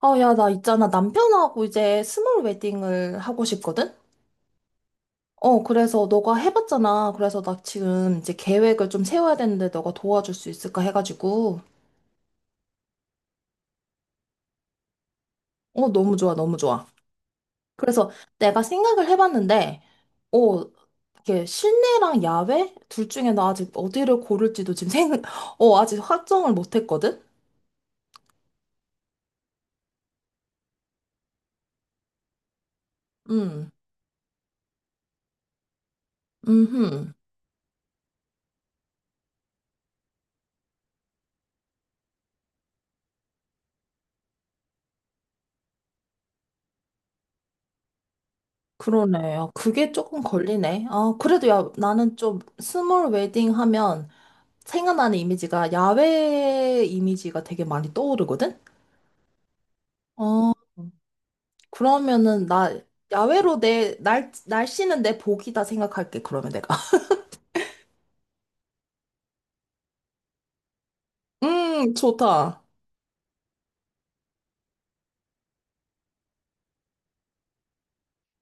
아, 야, 나 있잖아. 남편하고 이제 스몰 웨딩을 하고 싶거든? 그래서 너가 해봤잖아. 그래서 나 지금 이제 계획을 좀 세워야 되는데 너가 도와줄 수 있을까 해가지고. 너무 좋아, 너무 좋아. 그래서 내가 생각을 해봤는데, 어, 이게 실내랑 야외? 둘 중에 나 아직 어디를 고를지도 지금 생, 아직 확정을 못했거든? 음, 음, 그러네. 요 그게 조금 걸리네. 아, 그래도 야, 나는 좀 스몰 웨딩 하면 생각나는 이미지가 야외 이미지가 되게 많이 떠오르거든? 어, 그러면은 나 야외로 내 날씨는 내 복이다 생각할게, 그러면 내가. 좋다.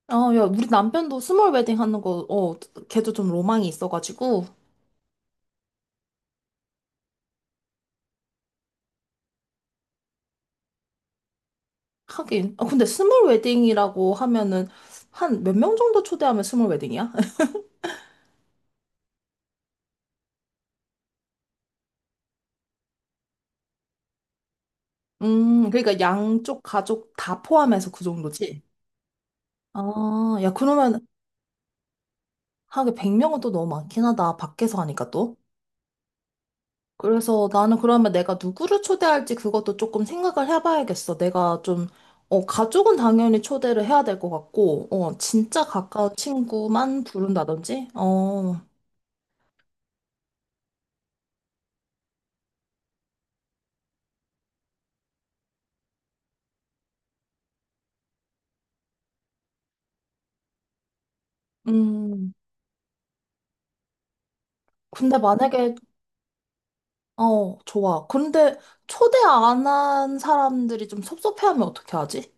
야, 우리 남편도 스몰 웨딩 하는 거, 어, 걔도 좀 로망이 있어가지고. 하긴. 아, 근데 스몰 웨딩이라고 하면은 한 몇 명 정도 초대하면 스몰 웨딩이야? 그러니까 양쪽 가족 다 포함해서 그 정도지? 아, 야, 그러면 하긴 100명은 또 너무 많긴 하다. 밖에서 하니까 또. 그래서 나는 그러면 내가 누구를 초대할지 그것도 조금 생각을 해봐야겠어. 내가 좀, 가족은 당연히 초대를 해야 될 것 같고, 어, 진짜 가까운 친구만 부른다든지, 어, 음. 근데 만약에, 좋아. 근데 초대 안 한 사람들이 좀 섭섭해하면 어떻게 하지?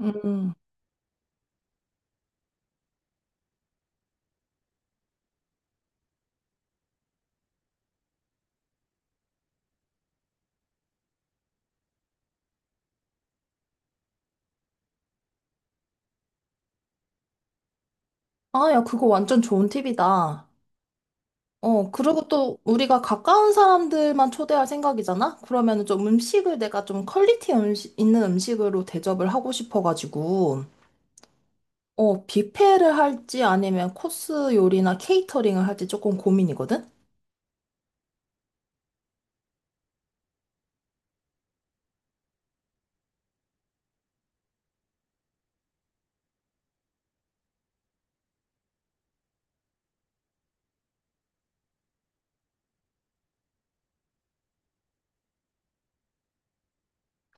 음. 아, 야, 그거 완전 좋은 팁이다. 그리고 또 우리가 가까운 사람들만 초대할 생각이잖아? 그러면은 좀 음식을 내가 좀 퀄리티 음식, 있는 음식으로 대접을 하고 싶어가지고, 뷔페를 할지 아니면 코스 요리나 케이터링을 할지 조금 고민이거든?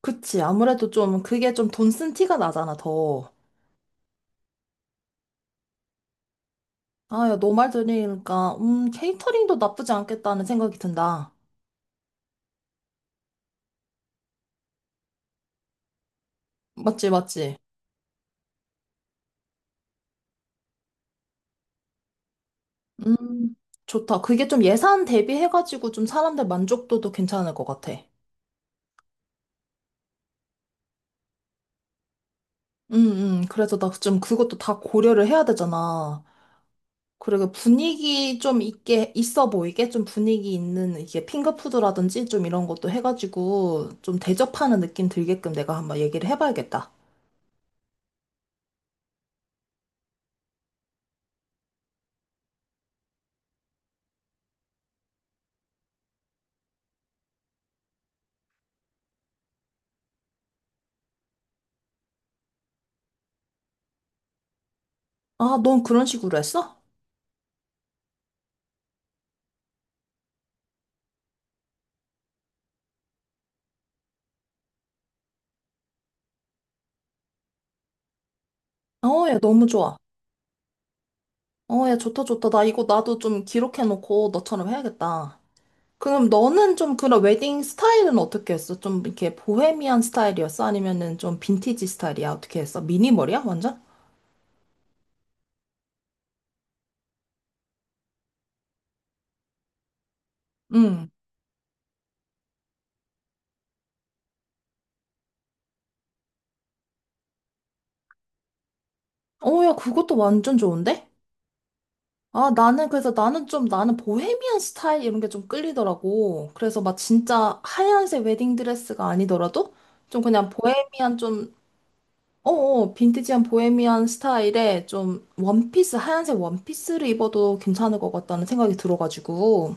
그치. 아무래도 좀 그게 좀 돈 쓴 티가 나잖아, 더. 아, 야, 너 말 들으니까, 케이터링도 나쁘지 않겠다는 생각이 든다. 맞지, 맞지? 음, 좋다. 그게 좀 예산 대비해가지고 좀 사람들 만족도도 괜찮을 것 같아. 그래서 나 좀 그것도 다 고려를 해야 되잖아. 그리고 분위기 좀 있게, 있어 보이게 좀 분위기 있는 이게 핑거푸드라든지 좀 이런 것도 해가지고 좀 대접하는 느낌 들게끔 내가 한번 얘기를 해봐야겠다. 아, 넌 그런 식으로 했어? 어, 야, 너무 좋아. 어, 야, 좋다, 좋다. 나 이거 나도 좀 기록해놓고 너처럼 해야겠다. 그럼 너는 좀 그런 웨딩 스타일은 어떻게 했어? 좀 이렇게 보헤미안 스타일이었어? 아니면은 좀 빈티지 스타일이야? 어떻게 했어? 미니멀이야? 완전? 응. 어, 야, 그것도 완전 좋은데? 아, 나는 좀, 나는 보헤미안 스타일 이런 게 좀 끌리더라고. 그래서 막 진짜 하얀색 웨딩드레스가 아니더라도 좀 그냥 보헤미안 좀, 어어, 빈티지한 보헤미안 스타일에 좀 원피스, 하얀색 원피스를 입어도 괜찮을 것 같다는 생각이 들어가지고.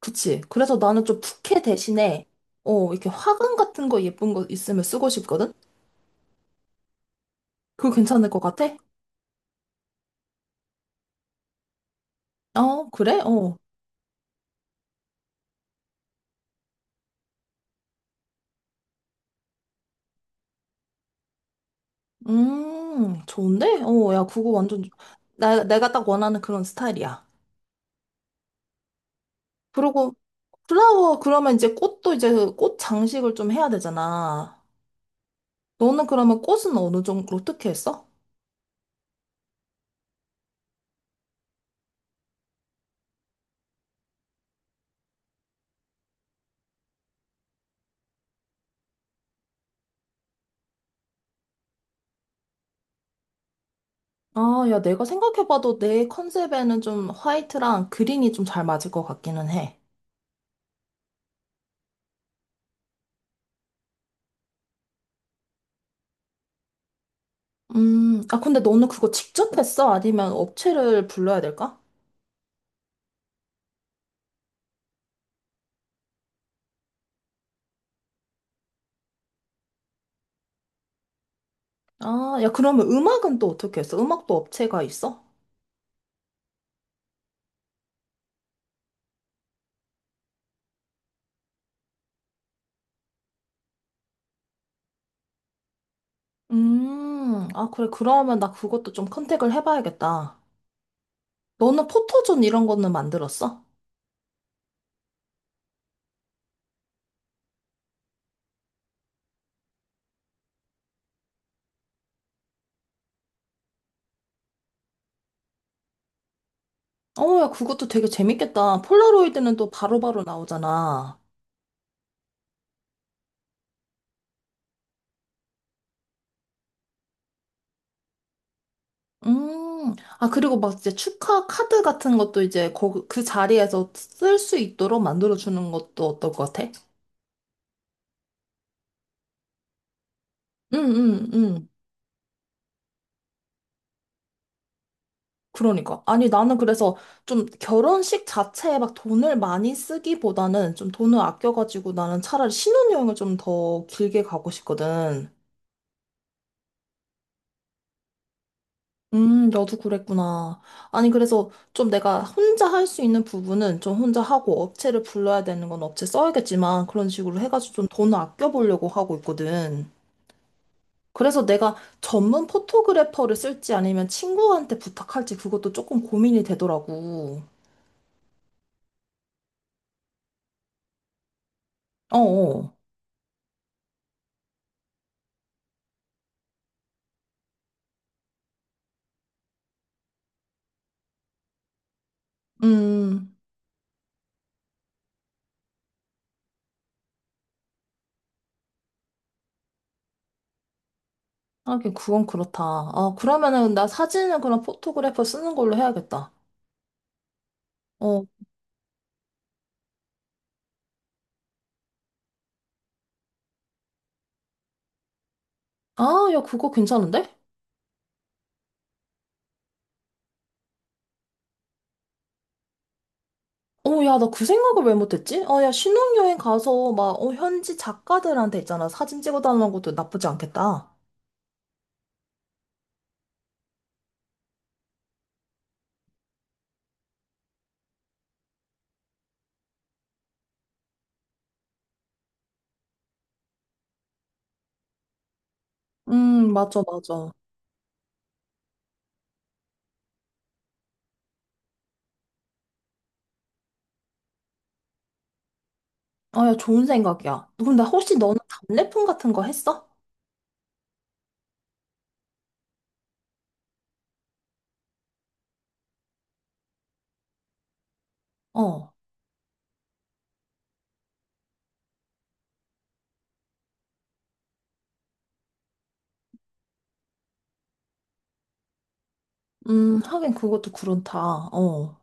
그치. 그래서 나는 좀 부케 대신에, 이렇게 화관 같은 거 예쁜 거 있으면 쓰고 싶거든? 그거 괜찮을 것 같아? 어, 그래? 어. 좋은데? 어, 야, 그거 완전, 내가 딱 원하는 그런 스타일이야. 그리고 플라워, 그러면 이제 꽃도 이제 그꽃 장식을 좀 해야 되잖아. 너는 그러면 꽃은 어느 정도, 어떻게 했어? 아, 야, 내가 생각해봐도 내 컨셉에는 좀 화이트랑 그린이 좀 잘 맞을 것 같기는 해. 아, 근데 너는 그거 직접 했어? 아니면 업체를 불러야 될까? 아, 야, 그러면 음악은 또 어떻게 했어? 음악도 업체가 있어? 아, 그래. 그러면 나 그것도 좀 컨택을 해봐야겠다. 너는 포토존 이런 거는 만들었어? 어, 야, 그것도 되게 재밌겠다. 폴라로이드는 또 바로바로 나오잖아. 아, 그리고 막 이제 축하 카드 같은 것도 이제 거, 그 자리에서 쓸 수 있도록 만들어주는 것도 어떨 것 같아? 응, 응, 응. 그러니까. 아니, 나는 그래서 좀 결혼식 자체에 막 돈을 많이 쓰기보다는 좀 돈을 아껴가지고 나는 차라리 신혼여행을 좀 더 길게 가고 싶거든. 너도 그랬구나. 아니, 그래서 좀 내가 혼자 할 수 있는 부분은 좀 혼자 하고 업체를 불러야 되는 건 업체 써야겠지만 그런 식으로 해가지고 좀 돈을 아껴보려고 하고 있거든. 그래서 내가 전문 포토그래퍼를 쓸지 아니면 친구한테 부탁할지 그것도 조금 고민이 되더라고. 어어. 음, 하긴 그건 그렇다. 아, 그러면은 나 사진은 그럼 포토그래퍼 쓰는 걸로 해야겠다. 어. 아, 야, 그거 괜찮은데? 어, 야, 나 그 생각을 왜 못했지? 아, 야, 신혼여행 가서 막, 어, 현지 작가들한테 있잖아. 사진 찍어달라는 것도 나쁘지 않겠다. 맞아, 맞아. 아, 야, 좋은 생각이야. 근데 혹시 너는 답례품 같은 거 했어? 어. 하긴 그것도 그렇다. 어.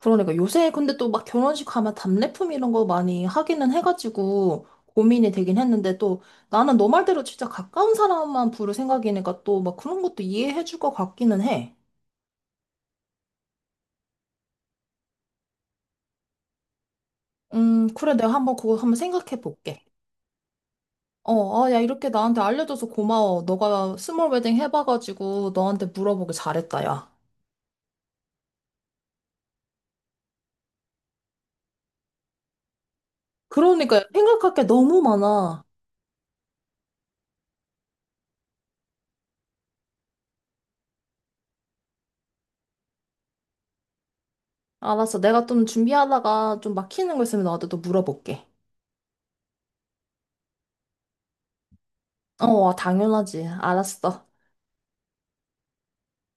그러니까 요새 근데 또 막 결혼식 가면 답례품 이런 거 많이 하기는 해가지고 고민이 되긴 했는데 또 나는 너 말대로 진짜 가까운 사람만 부를 생각이니까 또 막 그런 것도 이해해줄 것 같기는 해. 그래, 내가 한번 그거 한번 생각해 볼게. 어, 아, 야, 이렇게 나한테 알려줘서 고마워. 너가 스몰 웨딩 해봐가지고 너한테 물어보길 잘했다, 야. 그러니까 생각할 게 너무 많아. 알았어, 내가 좀 준비하다가 좀 막히는 거 있으면 너한테 또 물어볼게. 어, 당연하지. 알았어.